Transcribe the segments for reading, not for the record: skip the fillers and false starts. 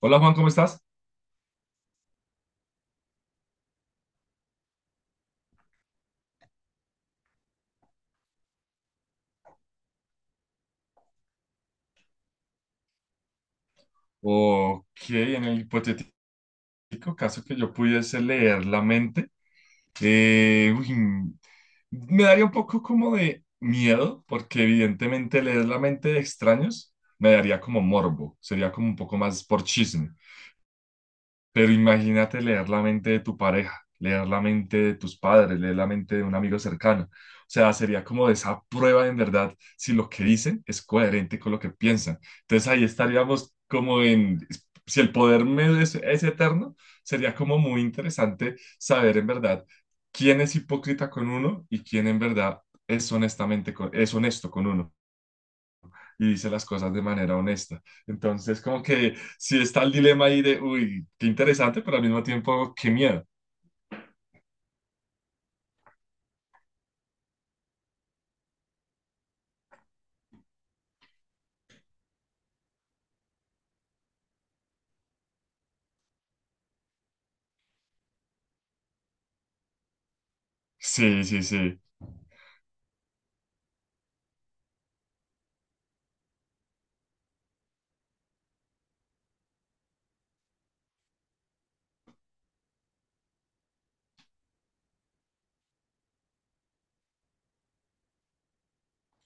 Hola Juan, ¿cómo estás? Ok, en el hipotético caso que yo pudiese leer la mente, uy, me daría un poco como de miedo, porque evidentemente leer la mente de extraños me daría como morbo, sería como un poco más por chisme. Pero imagínate leer la mente de tu pareja, leer la mente de tus padres, leer la mente de un amigo cercano. O sea, sería como esa prueba en verdad si lo que dicen es coherente con lo que piensan. Entonces ahí estaríamos como en, si el poder es eterno, sería como muy interesante saber en verdad quién es hipócrita con uno y quién en verdad es honesto con uno y dice las cosas de manera honesta. Entonces, como que sí está el dilema ahí de, uy, qué interesante, pero al mismo tiempo, qué miedo. Sí, sí, sí.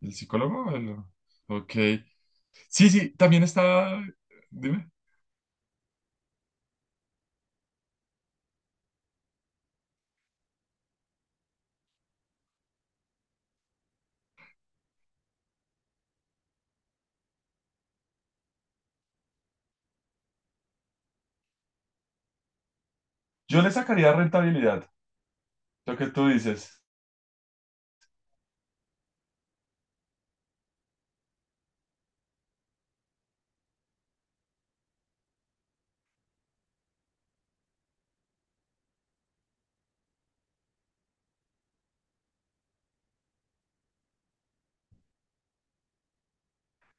¿El psicólogo? Ok. Sí, sí, también está, dime. Yo le sacaría rentabilidad, lo que tú dices.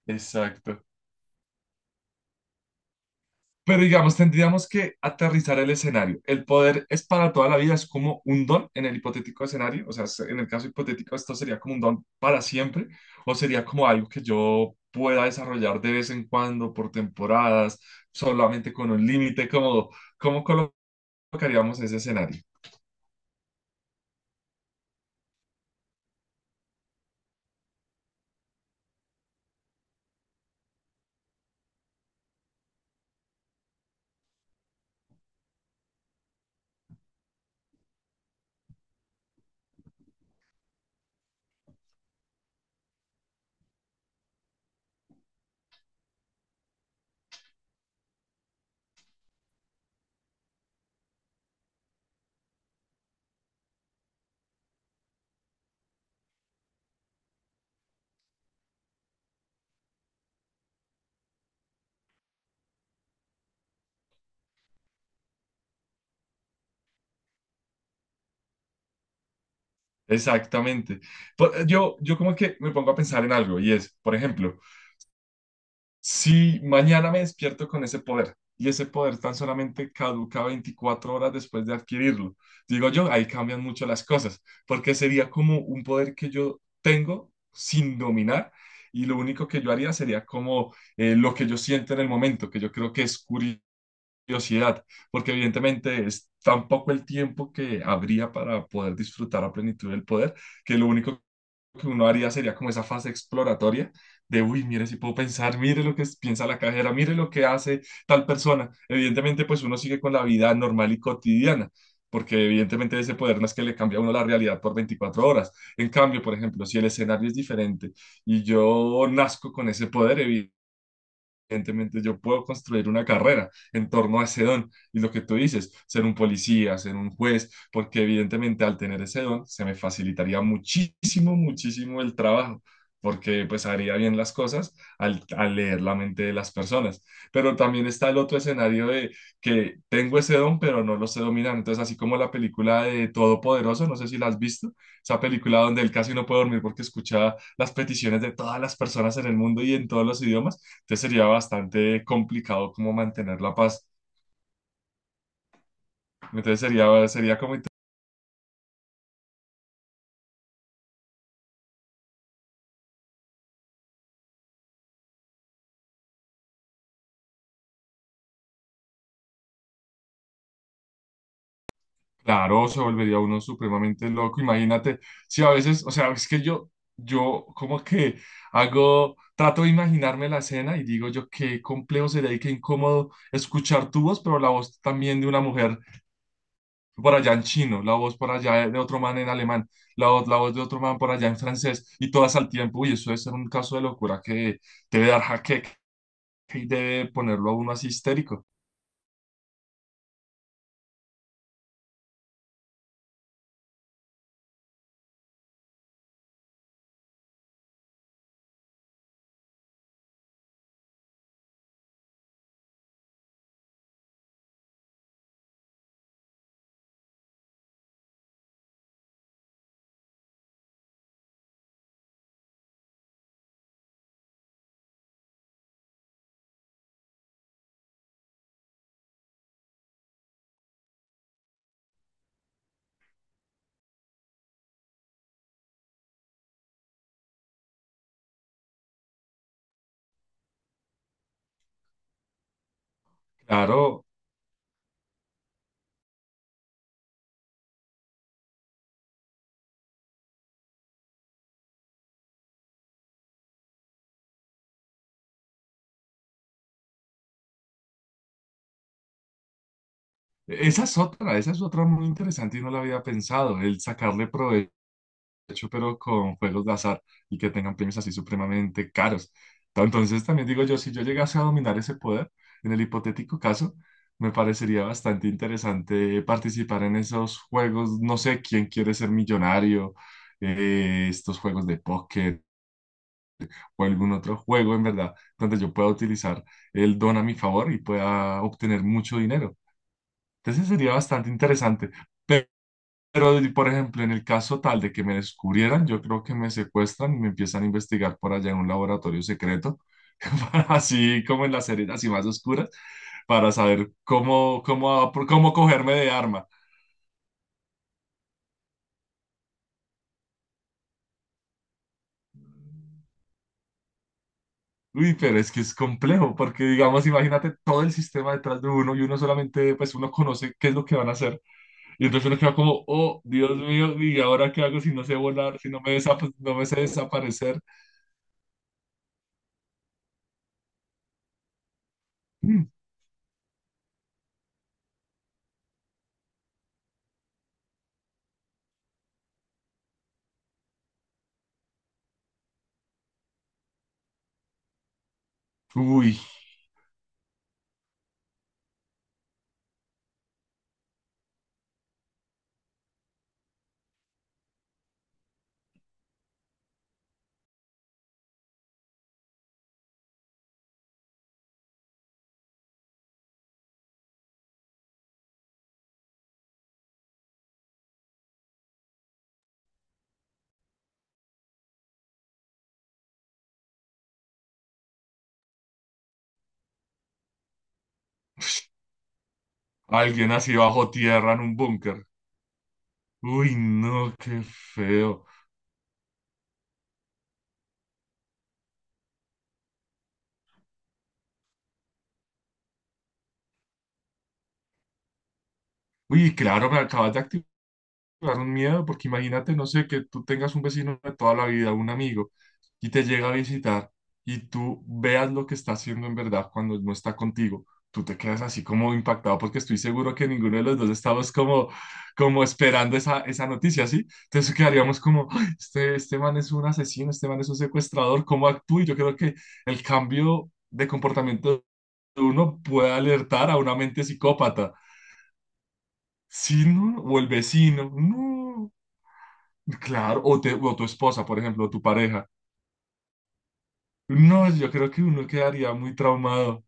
Exacto. Pero digamos, tendríamos que aterrizar el escenario. ¿El poder es para toda la vida? ¿Es como un don en el hipotético escenario? O sea, es- en el caso hipotético, ¿esto sería como un don para siempre? ¿O sería como algo que yo pueda desarrollar de vez en cuando, por temporadas, solamente con un límite? ¿Cómo colocaríamos ese escenario? Exactamente. Yo como que me pongo a pensar en algo y es, por ejemplo, si mañana me despierto con ese poder y ese poder tan solamente caduca 24 horas después de adquirirlo, digo yo, ahí cambian mucho las cosas, porque sería como un poder que yo tengo sin dominar y lo único que yo haría sería como lo que yo siento en el momento, que yo creo que es curiosidad, porque evidentemente es tan poco el tiempo que habría para poder disfrutar a plenitud del poder, que lo único que uno haría sería como esa fase exploratoria de, uy, mire si puedo pensar, mire lo piensa la cajera, mire lo que hace tal persona. Evidentemente, pues uno sigue con la vida normal y cotidiana, porque evidentemente ese poder no es que le cambie a uno la realidad por 24 horas. En cambio, por ejemplo, si el escenario es diferente y yo nazco con ese poder, evidentemente yo puedo construir una carrera en torno a ese don y lo que tú dices, ser un policía, ser un juez, porque evidentemente al tener ese don se me facilitaría muchísimo, muchísimo el trabajo, porque pues haría bien las cosas al leer la mente de las personas. Pero también está el otro escenario de que tengo ese don, pero no lo sé dominar. Entonces, así como la película de Todopoderoso, no sé si la has visto, esa película donde él casi no puede dormir porque escucha las peticiones de todas las personas en el mundo y en todos los idiomas. Entonces sería bastante complicado como mantener la paz. Entonces sería como, claro, se volvería uno supremamente loco. Imagínate, si a veces, o sea, es que yo como que hago, trato de imaginarme la escena y digo yo qué complejo sería y qué incómodo escuchar tu voz, pero la voz también de una mujer por allá en chino, la voz por allá de otro man en alemán, la voz de otro man por allá en francés y todas al tiempo. Uy, eso debe ser un caso de locura que debe dar jaqueca y debe ponerlo a uno así histérico. Claro, esa es otra muy interesante y no la había pensado, el sacarle provecho pero con juegos de azar y que tengan premios así supremamente caros. Entonces también digo yo, si yo llegase a dominar ese poder, en el hipotético caso, me parecería bastante interesante participar en esos juegos, no sé, quién quiere ser millonario, eh, estos juegos de póker o algún otro juego en verdad, donde yo pueda utilizar el don a mi favor y pueda obtener mucho dinero. Entonces sería bastante interesante. Pe- Pero, por ejemplo, en el caso tal de que me descubrieran, yo creo que me secuestran y me empiezan a investigar por allá en un laboratorio secreto, para- así como en las series así más oscuras, para saber cómo cogerme de arma. Uy, pero es que es complejo, porque digamos, imagínate todo el sistema detrás de uno y uno solamente, pues uno conoce qué es lo que van a hacer. Y entonces uno queda como, oh, Dios mío, ¿y ahora qué hago si no sé volar, si no me sé desaparecer? Mm. Uy, alguien así bajo tierra en un búnker. Uy, no, qué feo. Uy, claro, me acabas de activar. Claro, un miedo, porque imagínate, no sé, que tú tengas un vecino de toda la vida, un amigo, y te llega a visitar y tú veas lo que está haciendo en verdad cuando no está contigo. Tú te quedas así como impactado porque estoy seguro que ninguno de los dos estamos como, como esperando esa, esa noticia, ¿sí? Entonces quedaríamos como, "Ay, este man es un asesino, este man es un secuestrador, ¿cómo actúa?" Y yo creo que el cambio de comportamiento de uno puede alertar a una mente psicópata. Sí, no, o el vecino, no. Claro, o tu esposa, por ejemplo, o tu pareja. No, yo creo que uno quedaría muy traumado.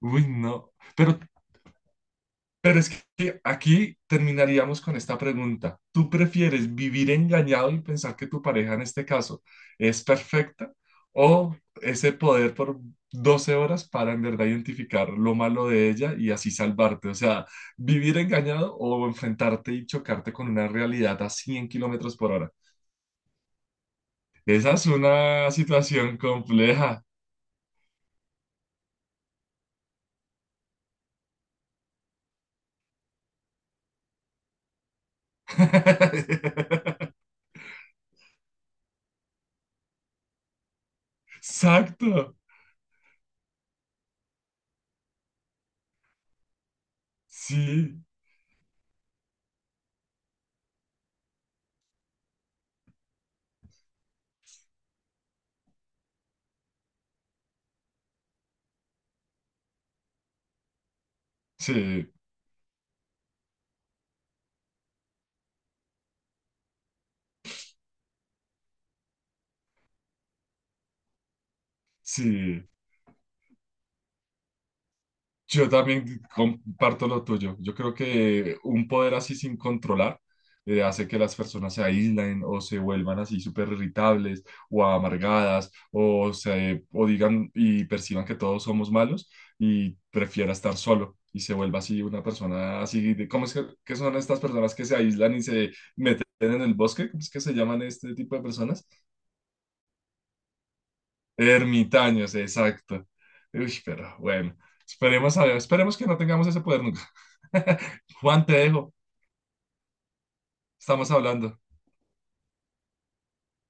Uy, no. Pero es que aquí terminaríamos con esta pregunta. ¿Tú prefieres vivir engañado y pensar que tu pareja en este caso es perfecta o ese poder por 12 horas para en verdad identificar lo malo de ella y así salvarte? O sea, vivir engañado o enfrentarte y chocarte con una realidad a 100 kilómetros por hora. Esa es una situación compleja. Exacto. Sí, sí, sí. Yo también comparto lo tuyo. Yo creo que un poder así sin controlar hace que las personas se aíslen o se vuelvan así súper irritables o amargadas o, se, o digan y perciban que todos somos malos y prefiera estar solo y se vuelva así una persona así. De, ¿cómo es que, qué son estas personas que se aíslan y se meten en el bosque? ¿Cómo es que se llaman este tipo de personas? Ermitaños, exacto. Uy, pero bueno, esperemos que no tengamos ese poder nunca. Juan, te dejo. Estamos hablando.